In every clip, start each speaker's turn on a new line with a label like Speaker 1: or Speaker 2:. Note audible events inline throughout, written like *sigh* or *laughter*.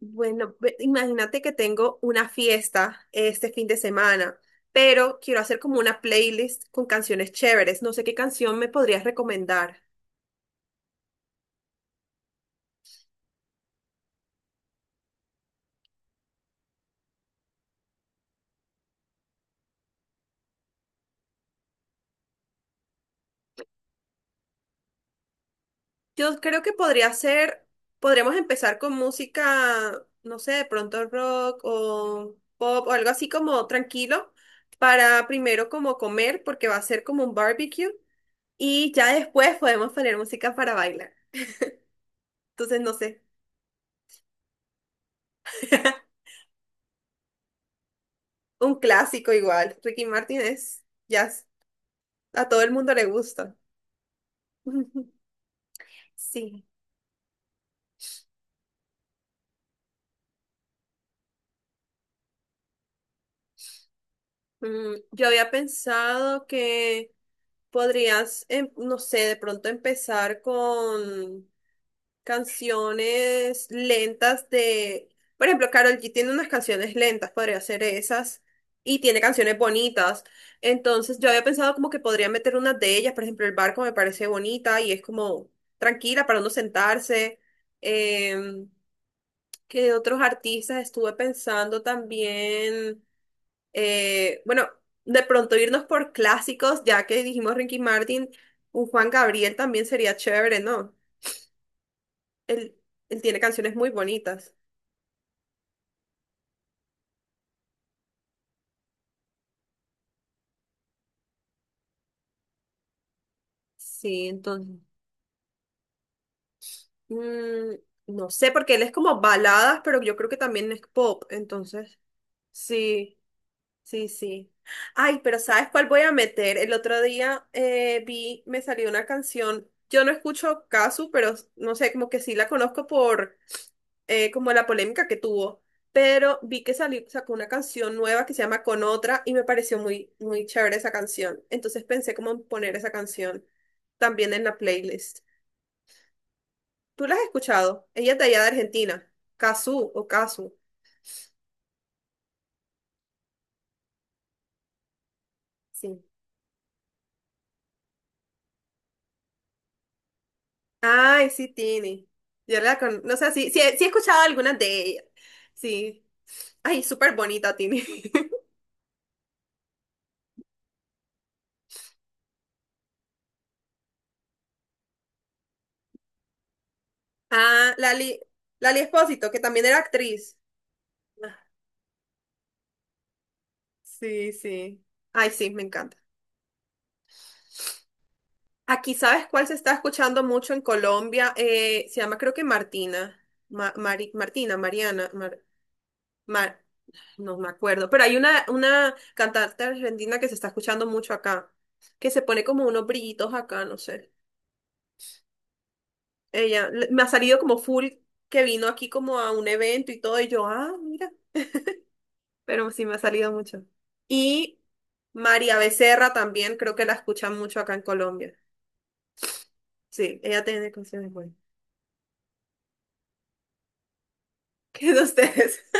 Speaker 1: Bueno, imagínate que tengo una fiesta este fin de semana, pero quiero hacer como una playlist con canciones chéveres. No sé qué canción me podrías recomendar. Yo creo que podría ser, podríamos empezar con música, no sé, de pronto rock o pop o algo así como tranquilo para primero como comer, porque va a ser como un barbecue y ya después podemos poner música para bailar. Entonces, no sé, *laughs* un clásico igual. Ricky Martin es jazz. A todo el mundo le gusta. *laughs* Sí. Yo había pensado que podrías, no sé, de pronto empezar con canciones lentas de, por ejemplo, Karol G tiene unas canciones lentas, podría hacer esas, y tiene canciones bonitas. Entonces yo había pensado como que podría meter unas de ellas, por ejemplo, El Barco me parece bonita y es como tranquila para uno sentarse. Em, ¿Qué otros artistas estuve pensando también? Bueno, de pronto irnos por clásicos, ya que dijimos Ricky Martin, un Juan Gabriel también sería chévere, ¿no? Él, él tiene canciones muy bonitas. Sí, entonces. Mm, no sé, porque él es como baladas, pero yo creo que también es pop, entonces. Sí, sí, sí. Ay, pero ¿sabes cuál voy a meter? El otro día me salió una canción. Yo no escucho Casu, pero no sé, como que sí la conozco por como la polémica que tuvo, pero vi que salió, sacó una canción nueva que se llama Con Otra y me pareció muy, muy chévere esa canción. Entonces pensé como en poner esa canción también en la playlist. ¿Tú la has escuchado? Ella es de allá de Argentina, Cazzu o Casu. Sí. Ay, sí, Tini. No sé, sí, sí, he escuchado algunas de ellas. Sí. Ay, súper bonita, Tini. *laughs* Ah, Lali, Lali Espósito, que también era actriz. Ah, sí, sí. Ay, sí, me encanta. Aquí, ¿sabes cuál se está escuchando mucho en Colombia? Se llama creo que Martina, Martina, Mariana, Mar- no me acuerdo, pero hay una cantante argentina que se está escuchando mucho acá, que se pone como unos brillitos acá, no sé. Ella, me ha salido como full que vino aquí como a un evento y todo, y yo, ah, mira, pero sí me ha salido mucho. Y María Becerra también creo que la escuchan mucho acá en Colombia. Sí, ella tiene canciones buenas. *laughs* ¿Qué de ustedes? *laughs*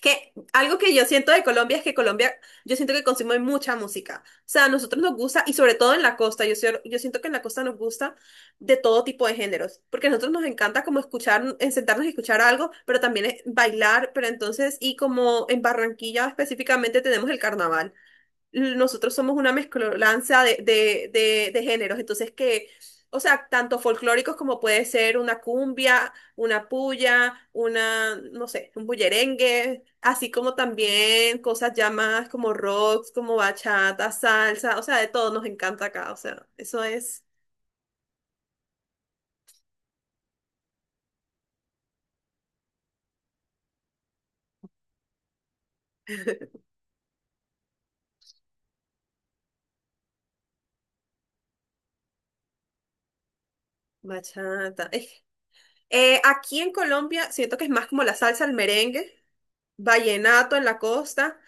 Speaker 1: Que algo que yo siento de Colombia es que Colombia, yo siento que consume mucha música. O sea, a nosotros nos gusta, y sobre todo en la costa, yo, yo siento que en la costa nos gusta de todo tipo de géneros, porque a nosotros nos encanta como escuchar, en sentarnos y escuchar algo, pero también es bailar, pero entonces, y como en Barranquilla específicamente tenemos el carnaval nosotros somos una mezcolanza de géneros, entonces que, o sea, tanto folclóricos como puede ser una cumbia, una puya, una, no sé, un bullerengue, así como también cosas ya más como rocks, como bachata, salsa, o sea, de todo nos encanta acá, o sea, eso es bachata. Aquí en Colombia siento que es más como la salsa, el merengue, vallenato en la costa.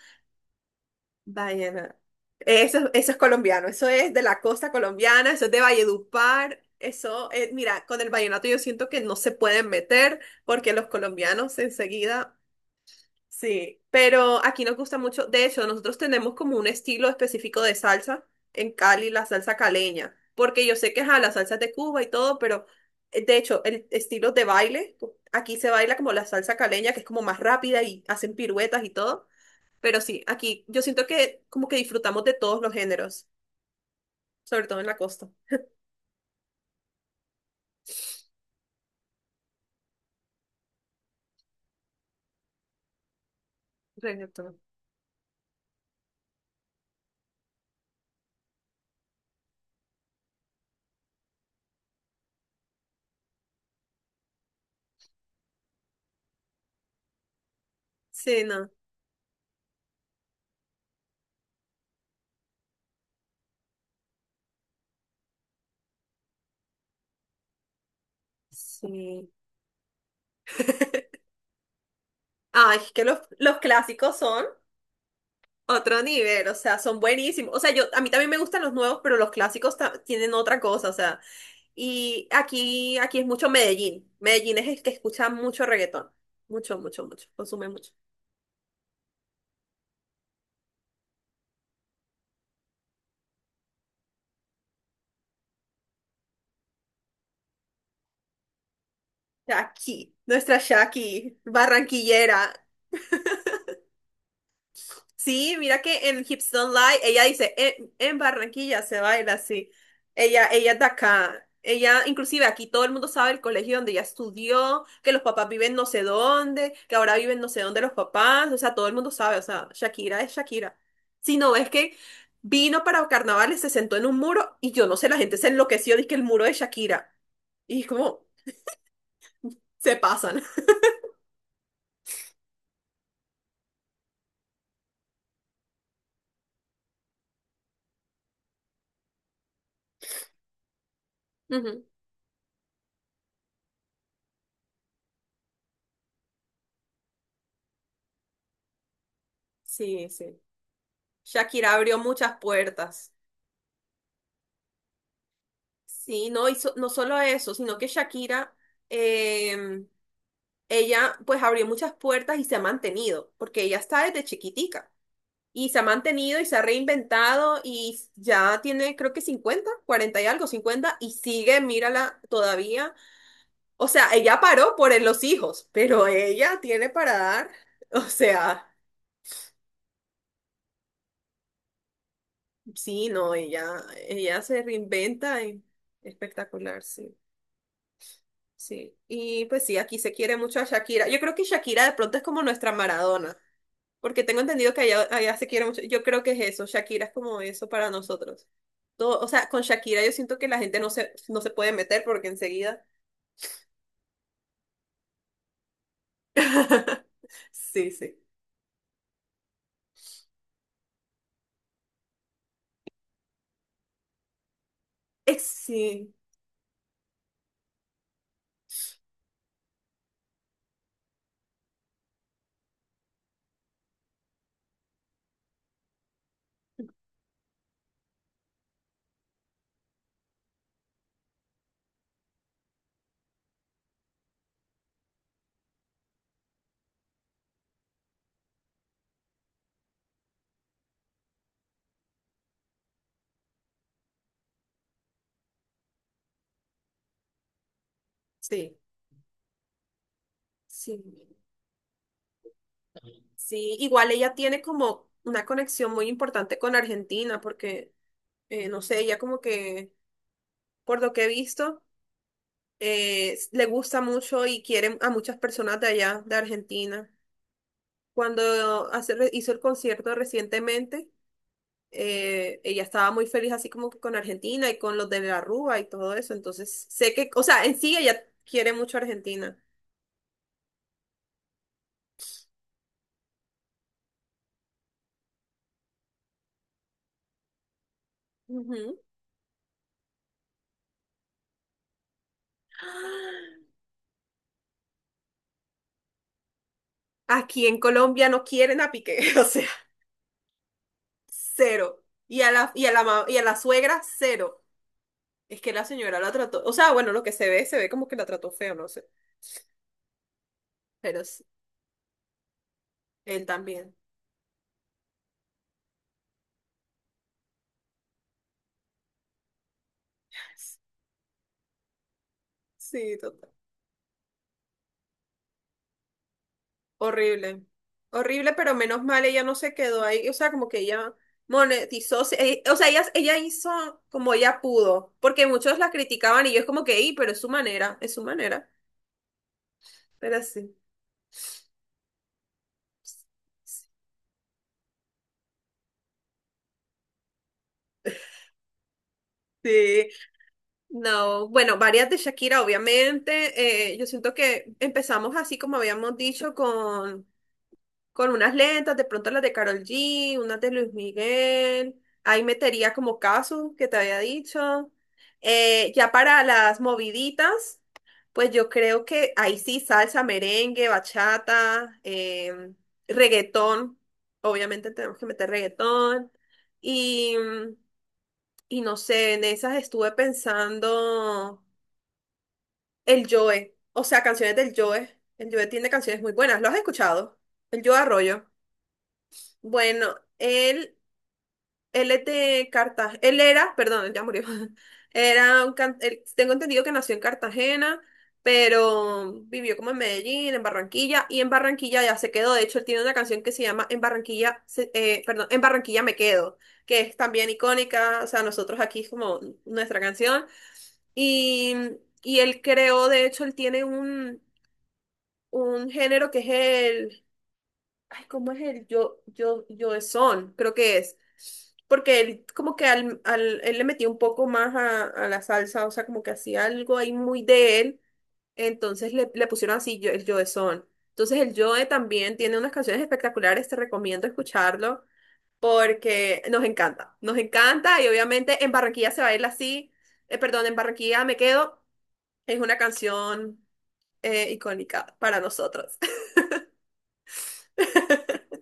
Speaker 1: Diana. Eso es colombiano, eso es de la costa colombiana, eso es de Valledupar. Eso, mira, con el vallenato yo siento que no se pueden meter porque los colombianos enseguida, sí, pero aquí nos gusta mucho, de hecho, nosotros tenemos como un estilo específico de salsa en Cali, la salsa caleña, porque yo sé que ajá, la salsa es de Cuba y todo, pero de hecho, el estilo de baile, aquí se baila como la salsa caleña, que es como más rápida y hacen piruetas y todo. Pero sí, aquí yo siento que como que disfrutamos de todos los géneros, sobre todo en la costa. Reggaetón. Sí, no. Sí. *laughs* Ay, es que los clásicos son otro nivel, o sea, son buenísimos. O sea, yo a mí también me gustan los nuevos, pero los clásicos tienen otra cosa, o sea. Y aquí, aquí es mucho Medellín. Medellín es el que escucha mucho reggaetón. Mucho, mucho, mucho. Consume mucho. Shaki, nuestra Shaki, barranquillera. Sí, mira que en Hips Don't Lie, ella dice, en Barranquilla se baila así. Ella es de acá. Ella, inclusive aquí todo el mundo sabe el colegio donde ella estudió, que los papás viven no sé dónde, que ahora viven no sé dónde los papás, o sea, todo el mundo sabe, o sea, Shakira es Shakira. Si no, es que vino para carnavales, se sentó en un muro y yo no sé, la gente se enloqueció, dice que el muro de Shakira. Y es como, se pasan. *laughs* Ujú. Sí, sí. Shakira abrió muchas puertas. Sí, no, y no solo eso, sino que Shakira, em, ella pues abrió muchas puertas y se ha mantenido, porque ella está desde chiquitica y se ha mantenido y se ha reinventado y ya tiene creo que 50 40 y algo, 50 y sigue, mírala todavía. O sea, ella paró por los hijos, pero ella tiene para dar. *laughs* O sea, sí, no, ella se reinventa y espectacular, sí. Sí, y pues sí, aquí se quiere mucho a Shakira. Yo creo que Shakira de pronto es como nuestra Maradona, porque tengo entendido que allá, allá se quiere mucho. Yo creo que es eso, Shakira es como eso para nosotros. Todo, o sea, con Shakira yo siento que la gente no se, no se puede meter porque enseguida. *laughs* Sí, sí. Sí, sí, sí, sí. Igual ella tiene como una conexión muy importante con Argentina, porque, no sé, ella como que, por lo que he visto. Le gusta mucho y quiere a muchas personas de allá, de Argentina. Cuando hizo el concierto recientemente, ella estaba muy feliz así como que con Argentina y con los de la Rúa y todo eso. Entonces, sé que, o sea, en sí ella quiere mucho a Argentina. Ujú. Aquí en Colombia no quieren a Piqué, *laughs* o sea, cero. Y a la, y a la suegra, cero. Es que la señora la trató, o sea, bueno, lo que se ve como que la trató feo, no sé, pero él también. Sí, total. Horrible. Horrible, pero menos mal ella no se quedó ahí. O sea, como que ella monetizó. O sea, ella hizo como ella pudo. Porque muchos la criticaban y yo es como que, "Ey, pero es su manera, es su manera. Pero sí. Sí. No. Bueno, varias de Shakira, obviamente. Yo siento que empezamos así como habíamos dicho con unas lentas, de pronto las de Karol G, unas de Luis Miguel. Ahí metería como caso que te había dicho. Ya para las moviditas, pues yo creo que ahí sí salsa, merengue, bachata, reggaetón. Obviamente tenemos que meter reggaetón. Y, y no sé, en esas estuve pensando el Joe, o sea, canciones del Joe. El Joe tiene canciones muy buenas. ¿Lo has escuchado? El Joe Arroyo. Bueno, él es de Cartagena, él era, perdón, ya murió. *laughs* Era un tengo entendido que nació en Cartagena, pero vivió como en Medellín, en Barranquilla, y en Barranquilla ya se quedó. De hecho, él tiene una canción que se llama En Barranquilla, perdón, En Barranquilla me quedo, que es también icónica. O sea, nosotros aquí es como nuestra canción. Y, y él creó, de hecho, él tiene un género que es Ay, ¿cómo es el yo, yo, yo es son? Creo que es. Porque él como que él le metía un poco más a la salsa, o sea, como que hacía algo ahí muy de él. Entonces le pusieron así yo, el Joe son. Entonces el Joe también tiene unas canciones espectaculares, te recomiendo escucharlo porque nos encanta. Nos encanta y obviamente en Barranquilla se baila así. Perdón, en Barranquilla me quedo. Es una canción icónica para nosotros. *laughs*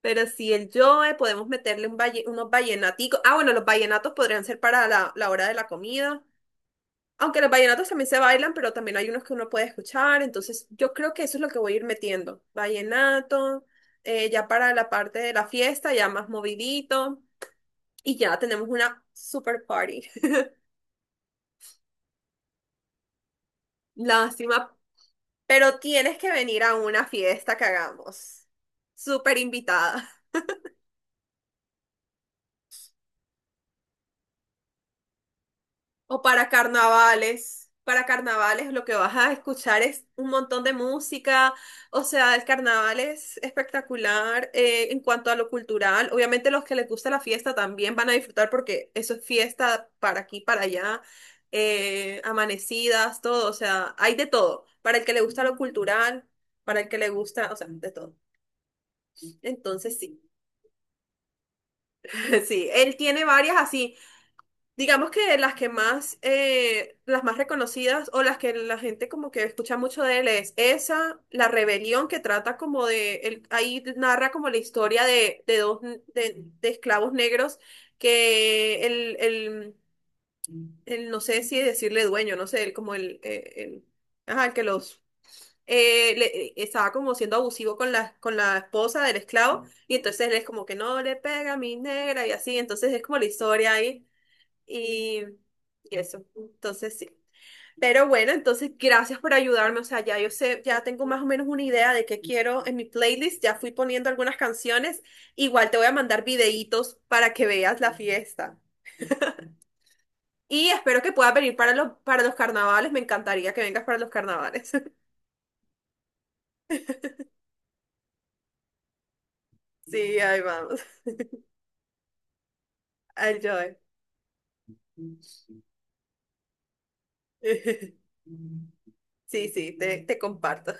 Speaker 1: Pero si el Joe, podemos meterle un unos vallenaticos. Ah, bueno, los vallenatos podrían ser para la hora de la comida. Aunque los vallenatos también se bailan, pero también hay unos que uno puede escuchar. Entonces, yo creo que eso es lo que voy a ir metiendo. Vallenato, ya para la parte de la fiesta, ya más movidito. Y ya tenemos una super party. *laughs* Lástima, pero tienes que venir a una fiesta que hagamos. Súper invitada. O para carnavales. Para carnavales lo que vas a escuchar es un montón de música. O sea, el carnaval es espectacular en cuanto a lo cultural. Obviamente los que les gusta la fiesta también van a disfrutar porque eso es fiesta para aquí, para allá. Amanecidas, todo. O sea, hay de todo. Para el que le gusta lo cultural, para el que le gusta, o sea, de todo. Entonces sí, *laughs* sí. Él tiene varias así. Digamos que las que más, las más reconocidas o las que la gente como que escucha mucho de él es esa, La Rebelión, que trata como de, él, ahí narra como la historia de dos n- de esclavos negros que no sé si decirle dueño, no sé, el, como el, ajá, el que los, estaba como siendo abusivo con la esposa del esclavo y entonces él es como que no le pega a mi negra y así, entonces es como la historia ahí. Y, y eso, entonces sí. Pero bueno, entonces gracias por ayudarme. O sea, ya yo sé, ya tengo más o menos una idea de qué quiero en mi playlist. Ya fui poniendo algunas canciones. Igual te voy a mandar videitos para que veas la fiesta. Y espero que puedas venir para los, carnavales. Me encantaría que vengas para los carnavales. *laughs* Sí, ahí vamos. Enjoy. *laughs* Sí, sí, te comparto.